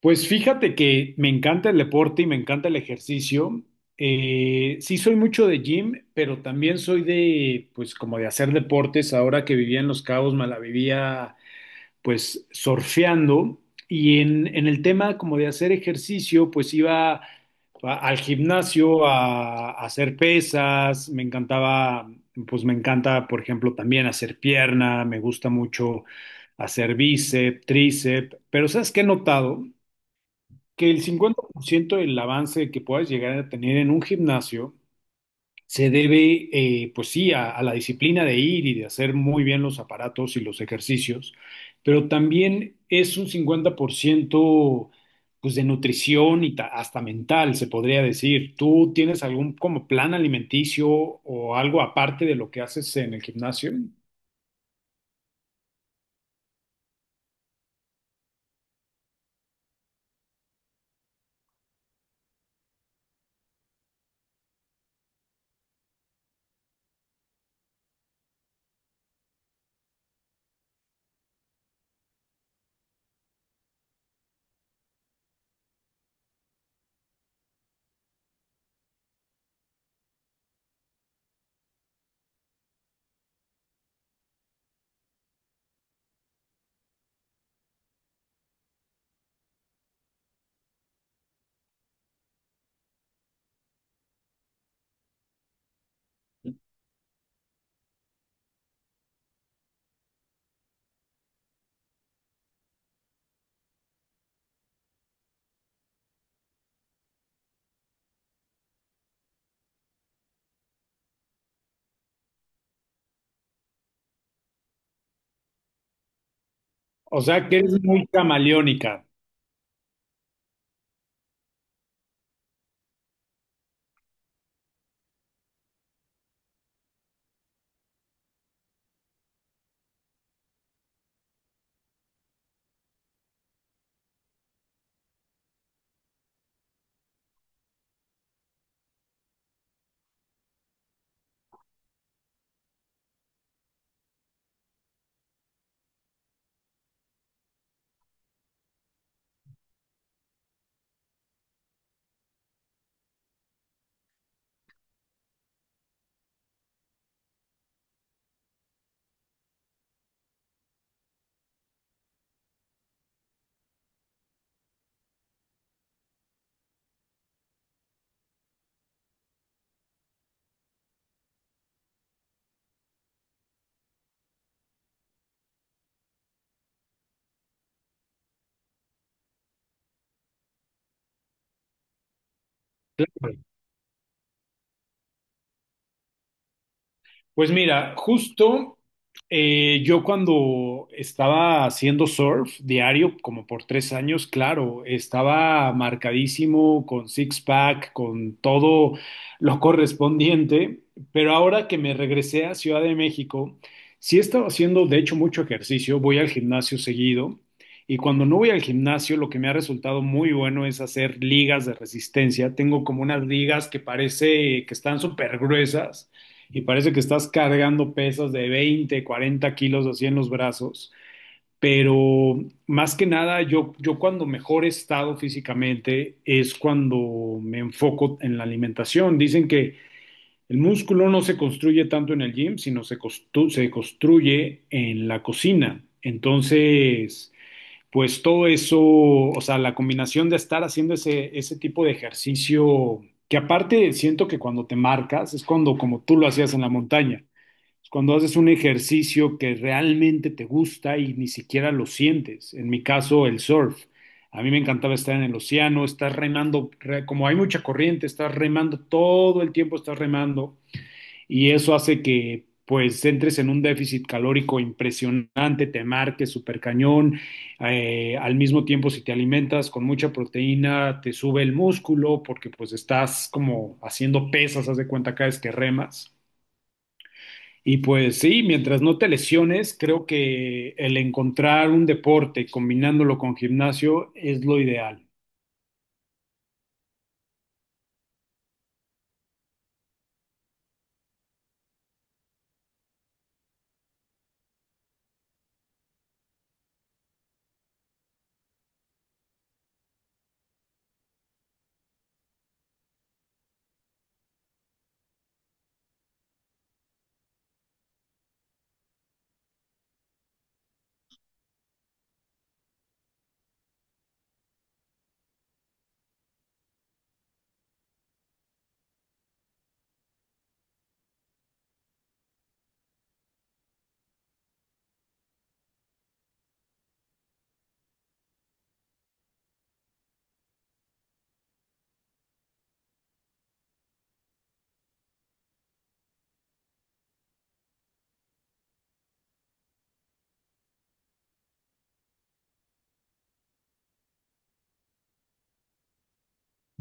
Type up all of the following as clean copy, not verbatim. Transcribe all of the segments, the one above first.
Pues fíjate que me encanta el deporte y me encanta el ejercicio. Sí soy mucho de gym, pero también soy de, pues como de hacer deportes. Ahora que vivía en Los Cabos, me la vivía pues surfeando. Y en el tema como de hacer ejercicio, pues al gimnasio a hacer pesas. Me encantaba, pues me encanta, por ejemplo, también hacer pierna. Me gusta mucho hacer bíceps, tríceps. Pero ¿sabes qué he notado? Que el 50% del avance que puedas llegar a tener en un gimnasio se debe, pues sí, a la disciplina de ir y de hacer muy bien los aparatos y los ejercicios, pero también es un 50% pues de nutrición y hasta mental, se podría decir. ¿Tú tienes algún como plan alimenticio o algo aparte de lo que haces en el gimnasio? O sea, que eres muy camaleónica. Claro. Pues mira, justo yo cuando estaba haciendo surf diario, como por 3 años, claro, estaba marcadísimo con six-pack, con todo lo correspondiente, pero ahora que me regresé a Ciudad de México, sí he estado haciendo, de hecho, mucho ejercicio, voy al gimnasio seguido. Y cuando no voy al gimnasio, lo que me ha resultado muy bueno es hacer ligas de resistencia. Tengo como unas ligas que parece que están súper gruesas y parece que estás cargando pesas de 20, 40 kilos así en los brazos. Pero más que nada, yo cuando mejor he estado físicamente es cuando me enfoco en la alimentación. Dicen que el músculo no se construye tanto en el gym, sino se, se construye en la cocina. Entonces, pues todo eso, o sea, la combinación de estar haciendo ese tipo de ejercicio, que aparte siento que cuando te marcas es cuando como tú lo hacías en la montaña cuando haces un ejercicio que realmente te gusta y ni siquiera lo sientes. En mi caso, el surf. A mí me encantaba estar en el océano, estás remando, como hay mucha corriente, estás remando todo el tiempo, estás remando y eso hace que pues entres en un déficit calórico impresionante, te marques súper cañón, al mismo tiempo si te alimentas con mucha proteína, te sube el músculo porque pues estás como haciendo pesas, haz de cuenta cada vez que remas. Y pues sí, mientras no te lesiones, creo que el encontrar un deporte combinándolo con gimnasio es lo ideal.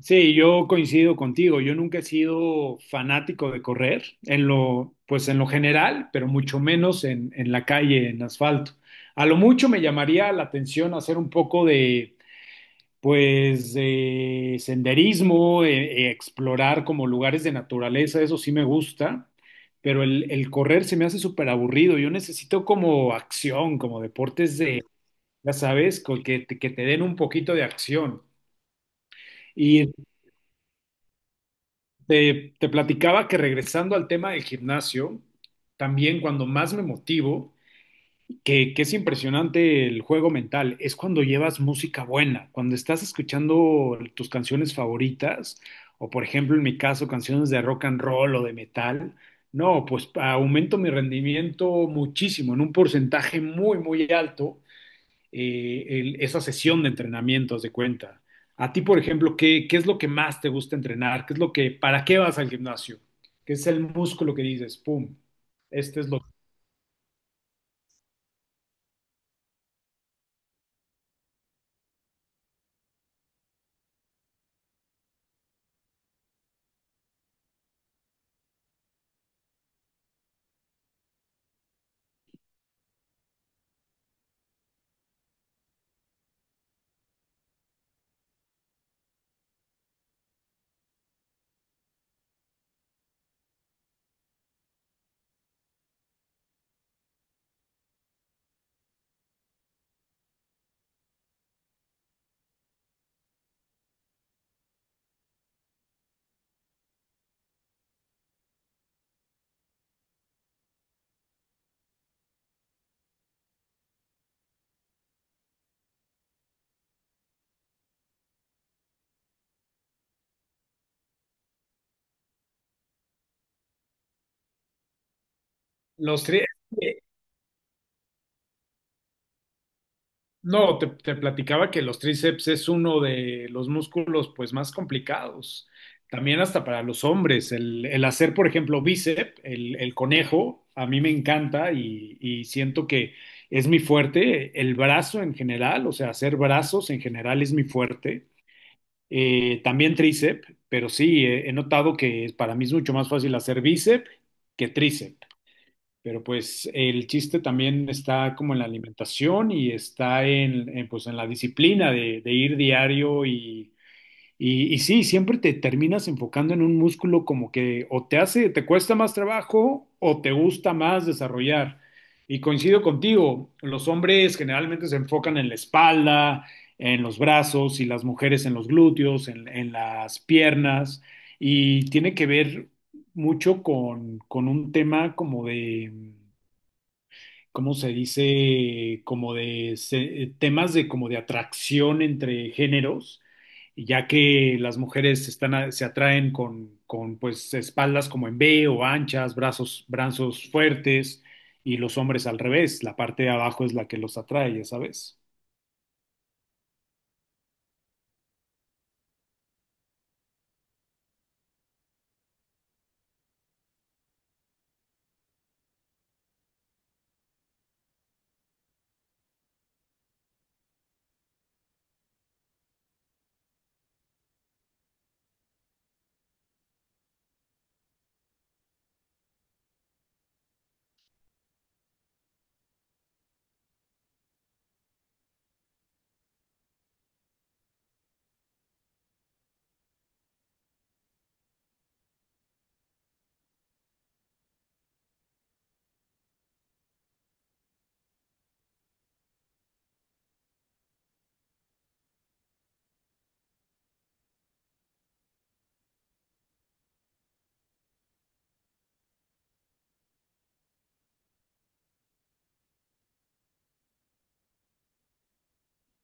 Sí, yo coincido contigo. Yo nunca he sido fanático de correr en lo, pues en lo general, pero mucho menos en la calle, en asfalto. A lo mucho me llamaría la atención hacer un poco de. Pues senderismo, explorar como lugares de naturaleza, eso sí me gusta, pero el correr se me hace súper aburrido. Yo necesito como acción, como deportes de, ya sabes, que te den un poquito de acción. Y te platicaba que regresando al tema del gimnasio, también cuando más me motivo que es impresionante el juego mental, es cuando llevas música buena, cuando estás escuchando tus canciones favoritas, o por ejemplo en mi caso canciones de rock and roll o de metal, no, pues aumento mi rendimiento muchísimo, en un porcentaje muy, muy alto, esa sesión de entrenamiento, haz de cuenta. A ti, por ejemplo, ¿qué es lo que más te gusta entrenar? ¿Qué es lo que, para qué vas al gimnasio? ¿Qué es el músculo que dices, pum, este es lo... Los tres... No, te platicaba que los tríceps es uno de los músculos pues más complicados. También hasta para los hombres. El hacer, por ejemplo, bíceps, el conejo, a mí me encanta y siento que es mi fuerte. El brazo en general, o sea, hacer brazos en general es mi fuerte. También tríceps, pero sí, he notado que para mí es mucho más fácil hacer bíceps que tríceps. Pero pues el chiste también está como en la alimentación y está pues en la disciplina de ir diario y sí, siempre te terminas enfocando en un músculo como que o te hace, te cuesta más trabajo o te gusta más desarrollar. Y coincido contigo, los hombres generalmente se enfocan en la espalda, en los brazos y las mujeres en los glúteos, en las piernas y tiene que ver mucho con un tema como de ¿cómo se dice? Como de temas de como de atracción entre géneros, ya que las mujeres se atraen con pues espaldas como en V o anchas, brazos, brazos fuertes, y los hombres al revés, la parte de abajo es la que los atrae, ya sabes.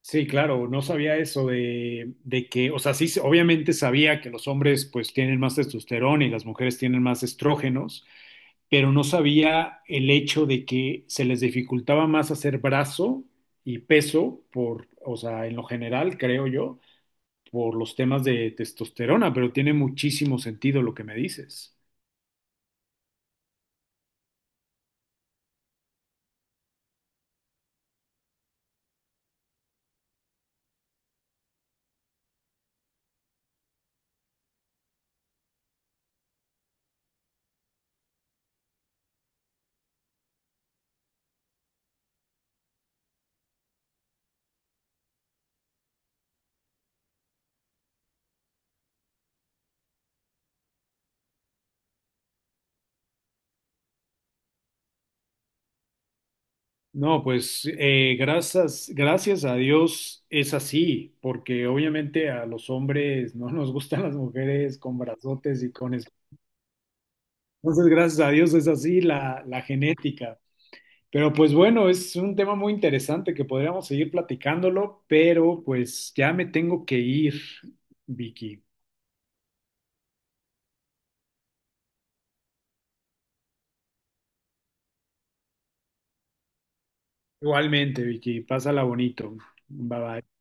Sí, claro, no sabía eso de que, o sea, sí, obviamente sabía que los hombres pues tienen más testosterona y las mujeres tienen más estrógenos, pero no sabía el hecho de que se les dificultaba más hacer brazo y peso por, o sea, en lo general, creo yo, por los temas de testosterona, pero tiene muchísimo sentido lo que me dices. No, pues gracias, gracias a Dios es así, porque obviamente a los hombres no nos gustan las mujeres con brazotes y con eso. Entonces, gracias a Dios es así la genética. Pero pues bueno, es un tema muy interesante que podríamos seguir platicándolo, pero pues ya me tengo que ir, Vicky. Igualmente, Vicky, pásala bonito. Bye bye.